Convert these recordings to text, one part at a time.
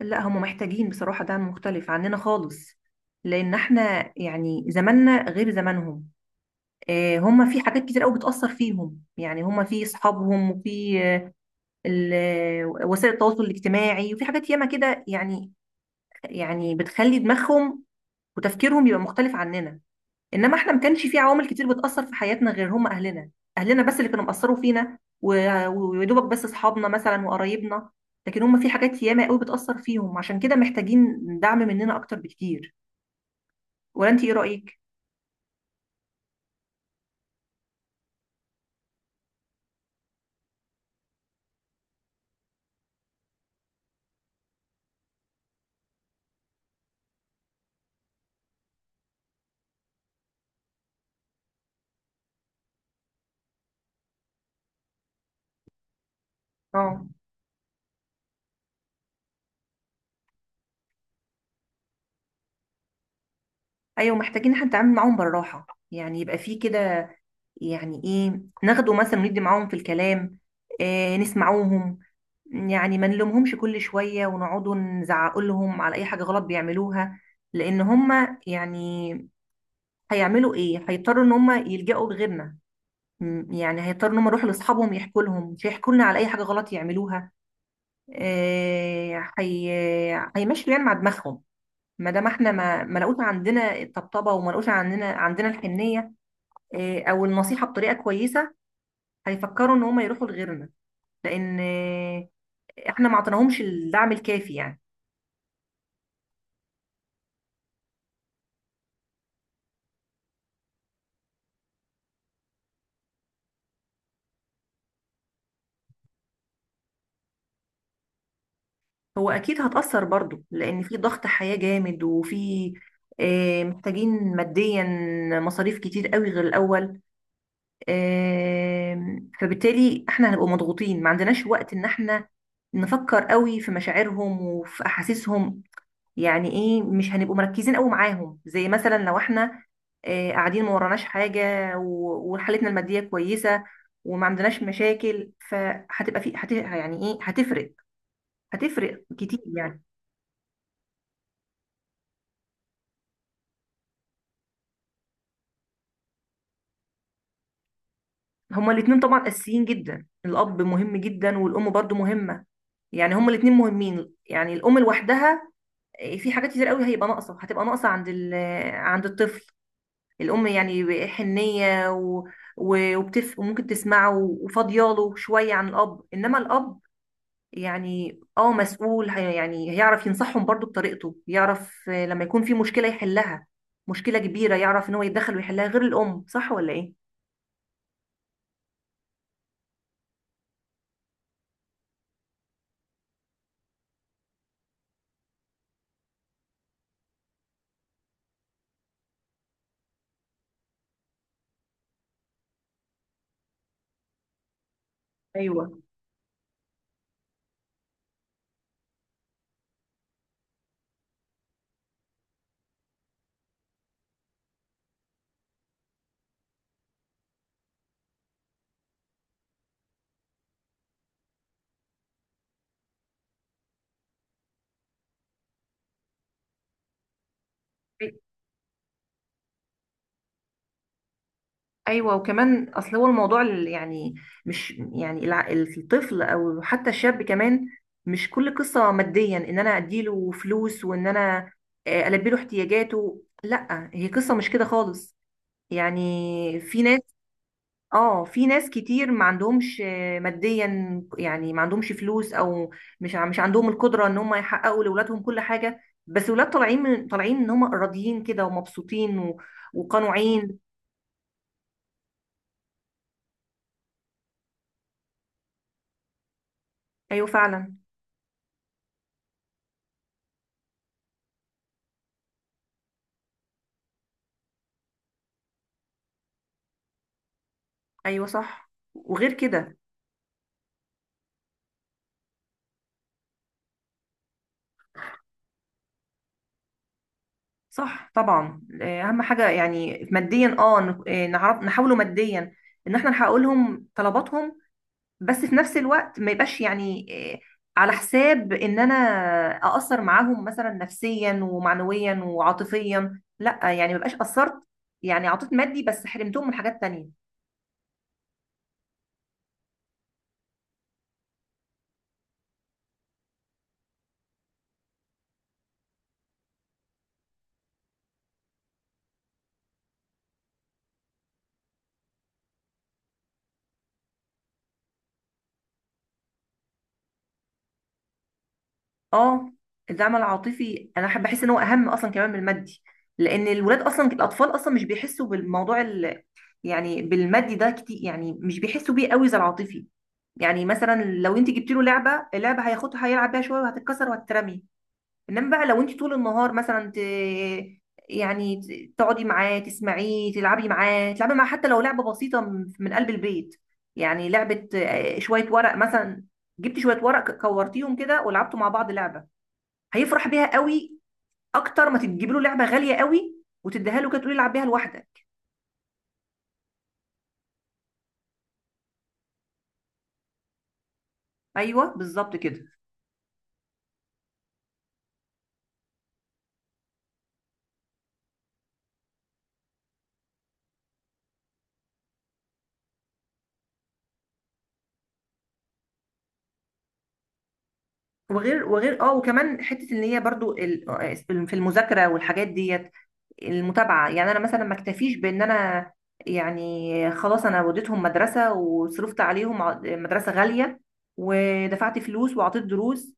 لا، هم محتاجين بصراحة دعم مختلف عننا خالص، لأن احنا يعني زماننا غير زمانهم. هم في حاجات كتير قوي بتأثر فيهم، يعني هم في أصحابهم وفي وسائل التواصل الاجتماعي وفي حاجات ياما كده يعني، يعني بتخلي دماغهم وتفكيرهم يبقى مختلف عننا. انما احنا ما كانش في عوامل كتير بتاثر في حياتنا غير هم اهلنا، اهلنا بس اللي كانوا مأثروا فينا ويا دوبك بس اصحابنا مثلا وقرايبنا. لكن هم في حاجات ياما قوي بتاثر فيهم، عشان كده محتاجين دعم مننا اكتر بكتير. ولا انت ايه رايك؟ اه، ايوه محتاجين احنا نتعامل معاهم بالراحه، يعني يبقى في كده، يعني ايه، ناخده مثلا وندي معاهم في الكلام، إيه، نسمعوهم. يعني ما نلومهمش كل شويه ونقعدوا نزعق لهم على اي حاجه غلط بيعملوها، لان هم يعني هيعملوا ايه، هيضطروا ان هم يلجأوا لغيرنا. يعني هيضطروا ان هم يروحوا لاصحابهم يحكوا لهم، مش هيحكوا لنا على اي حاجه غلط يعملوها. هي هيمشوا يعني مع دماغهم، ما دام احنا ما لقوش عندنا الطبطبه وما لقوش عندنا الحنيه، او النصيحه بطريقه كويسه، هيفكروا ان هم يروحوا لغيرنا، لان احنا ما عطيناهمش الدعم الكافي يعني. هو اكيد هتأثر برضو، لان في ضغط حياه جامد وفي محتاجين ماديا مصاريف كتير قوي غير الاول. فبالتالي احنا هنبقى مضغوطين، ما عندناش وقت ان احنا نفكر قوي في مشاعرهم وفي احاسيسهم. يعني ايه، مش هنبقوا مركزين قوي معاهم، زي مثلا لو احنا قاعدين ما وراناش حاجة وحالتنا المادية كويسة وما عندناش مشاكل، فهتبقى في يعني ايه، هتفرق، هتفرق كتير يعني. هما الاتنين طبعا اساسيين جدا، الاب مهم جدا والام برضو مهمة. يعني هما الاتنين مهمين، يعني الام لوحدها في حاجات كتير قوي هيبقى ناقصه، هتبقى ناقصه عند عند الطفل. الام يعني حنيه وممكن تسمعه وفاضياله شويه عن الاب، انما الاب يعني اه مسؤول، يعني هيعرف ينصحهم برضو بطريقته، يعرف لما يكون في مشكله يحلها، مشكله كبيره يعرف ان هو يتدخل ويحلها غير الام. صح ولا ايه؟ ايوه. ايوه وكمان اصل هو الموضوع اللي يعني مش يعني الطفل او حتى الشاب كمان، مش كل قصه ماديا ان انا اديله فلوس وان انا البيله احتياجاته، لا هي قصه مش كده خالص. يعني في ناس، اه في ناس كتير ما عندهمش ماديا، يعني ما عندهمش فلوس او مش مش عندهم القدره ان هم يحققوا لاولادهم كل حاجه، بس ولاد طالعين من طالعين ان هم راضيين كده ومبسوطين وقنوعين. ايوه فعلا. ايوه صح وغير كده. صح طبعا، اهم حاجه يعني ماديا، اه نعرف نحاوله ماديا ان احنا نحقق لهم طلباتهم، بس في نفس الوقت ما يبقاش يعني آه، على حساب ان انا اقصر معاهم مثلا نفسيا ومعنويا وعاطفيا، لا يعني ما يبقاش قصرت، يعني عطيت مادي بس حرمتهم من حاجات تانية. اه. الدعم العاطفي انا بحس ان هو اهم اصلا كمان من المادي، لان الولاد اصلا، الاطفال اصلا مش بيحسوا بالموضوع يعني بالمادي ده كتير، يعني مش بيحسوا بيه قوي زي العاطفي. يعني مثلا لو انت جبت له لعبه، اللعبه هياخدها هيلعب بيها شويه وهتتكسر وهتترمي. انما بقى لو انت طول النهار مثلا يعني تقعدي معاه تسمعيه تلعبي معاه تلعبي معاه، حتى لو لعبه بسيطه من قلب البيت، يعني لعبه شويه ورق مثلا. جبتي شويه ورق كورتيهم كده ولعبتوا مع بعض لعبه، هيفرح بيها قوي اكتر ما تجيب له لعبه غاليه قوي وتديها له كده تقولي العب بيها لوحدك. ايوه بالظبط كده. وغير اه وكمان حته ان هي برضو في المذاكره والحاجات ديت، المتابعه، يعني انا مثلا ما اكتفيش بان انا يعني خلاص انا وديتهم مدرسه وصرفت عليهم مدرسه غاليه ودفعت فلوس وعطيت دروس،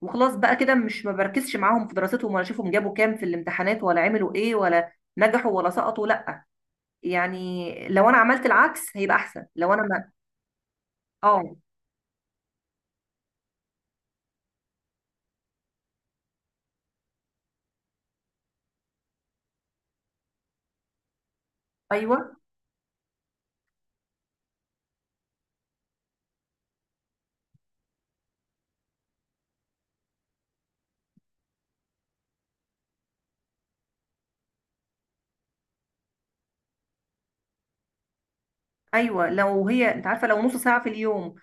وخلاص بقى كده، مش ما بركزش معاهم في دراستهم ولا اشوفهم جابوا كام في الامتحانات ولا عملوا ايه ولا نجحوا ولا سقطوا، لا. يعني لو انا عملت العكس هيبقى احسن، لو انا ما. اه. ايوه، ايوه لو هي انت عارفه لو نص ساعه في اليوم،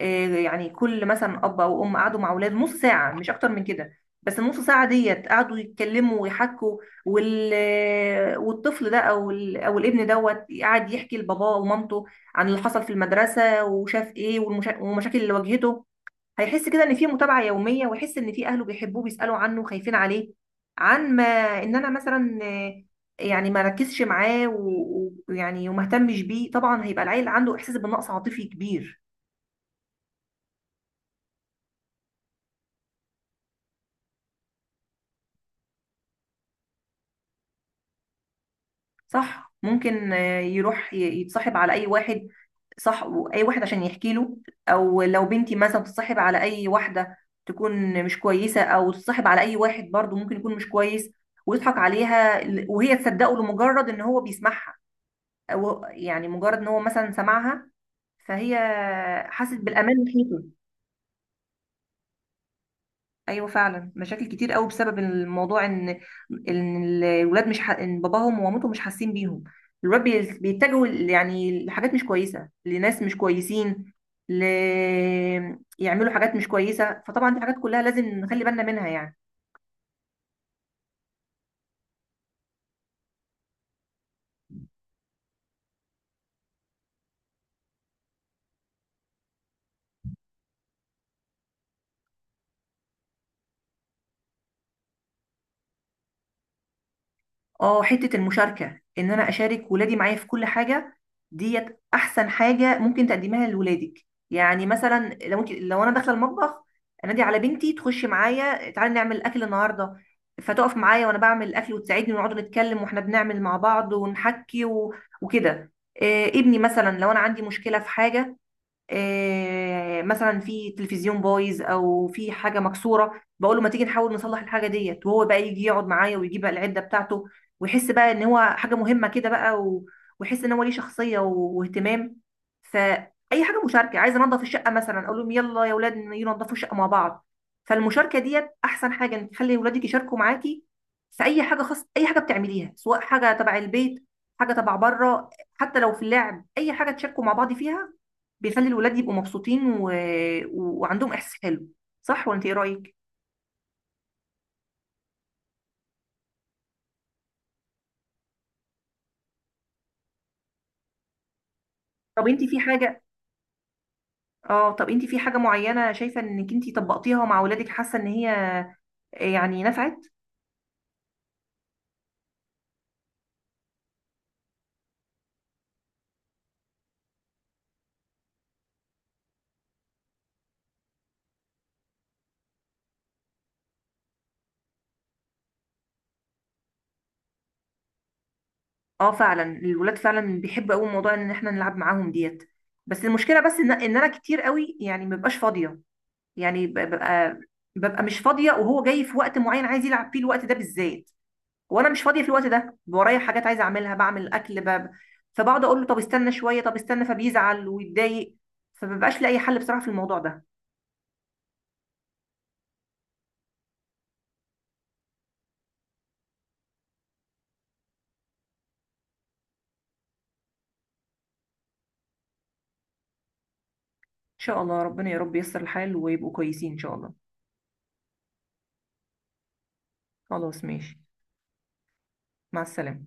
يعني كل مثلا اب او ام قعدوا مع اولاد نص ساعه مش اكتر من كده، بس النص ساعه ديت قعدوا يتكلموا ويحكوا، والطفل ده او او الابن دوت قعد يحكي لباباه ومامته عن اللي حصل في المدرسه وشاف ايه، والمشاكل اللي واجهته، هيحس كده ان في متابعه يوميه ويحس ان في اهله بيحبوه بيسالوا عنه خايفين عليه. عن ما ان انا مثلا يعني ما ركزش معاه ويعني ويعني وما اهتمش بيه، طبعا هيبقى العيل عنده احساس بالنقص عاطفي كبير. صح، ممكن يروح يتصاحب على اي واحد. صح. اي واحد عشان يحكي له، او لو بنتي مثلا تتصاحب على اي واحده تكون مش كويسه، او تتصاحب على اي واحد برضو ممكن يكون مش كويس ويضحك عليها، وهي تصدقه لمجرد ان هو بيسمعها، او يعني مجرد ان هو مثلا سمعها، فهي حست بالامان ناحيته. ايوه فعلا مشاكل كتير قوي بسبب الموضوع، ان ان الولاد مش ان باباهم ومامتهم مش حاسين بيهم، الولاد بيتجهوا يعني لحاجات مش كويسه، لناس مش كويسين، ل... يعملوا حاجات مش كويسه، فطبعا دي حاجات كلها لازم نخلي بالنا منها يعني. اه، حتة المشاركة ان انا اشارك ولادي معايا في كل حاجة، ديت احسن حاجة ممكن تقدمها لولادك. يعني مثلا لو انت لو انا داخلة المطبخ، انادي على بنتي تخش معايا، تعالي نعمل اكل النهاردة، فتقف معايا وانا بعمل الاكل وتساعدني ونقعد نتكلم واحنا بنعمل مع بعض ونحكي وكده. إيه ابني مثلا لو انا عندي مشكلة في حاجة، مثلا في تلفزيون بايظ او في حاجه مكسوره، بقول له ما تيجي نحاول نصلح الحاجه ديت، وهو بقى يجي يقعد معايا ويجيب بقى العده بتاعته، ويحس بقى ان هو حاجه مهمه كده بقى ويحس ان هو ليه شخصيه واهتمام. فاي حاجه مشاركه، عايز انضف الشقه مثلا اقول لهم يلا يا اولاد ينضفوا الشقه مع بعض. فالمشاركه ديت احسن حاجه انك تخلي اولادك يشاركوا معاكي في اي حاجه، خاصه اي حاجه بتعمليها سواء حاجه تبع البيت حاجه تبع بره، حتى لو في اللعب اي حاجه تشاركوا مع بعض فيها، بيخلي الولاد يبقوا مبسوطين وعندهم احساس حلو. صح ولا انت ايه رايك؟ طب انت في حاجه، اه طب انت في حاجه معينه شايفه انك انت طبقتيها مع ولادك حاسه ان هي يعني نفعت؟ اه فعلا الولاد فعلا بيحبوا قوي موضوع ان احنا نلعب معاهم ديت، بس المشكله بس إن انا كتير قوي يعني ما ببقاش فاضيه، يعني ببقى، ببقى مش فاضيه وهو جاي في وقت معين عايز يلعب فيه الوقت ده بالذات وانا مش فاضيه في الوقت ده، ورايا حاجات عايزه اعملها بعمل اكل باب، فبقعد اقول له طب استنى شويه طب استنى، فبيزعل ويتضايق، فمبقاش لاقي حل بصراحه في الموضوع ده. ان شاء الله ربنا، يا رب ييسر الحال ويبقوا كويسين ان شاء الله. خلاص ماشي. مع السلامه.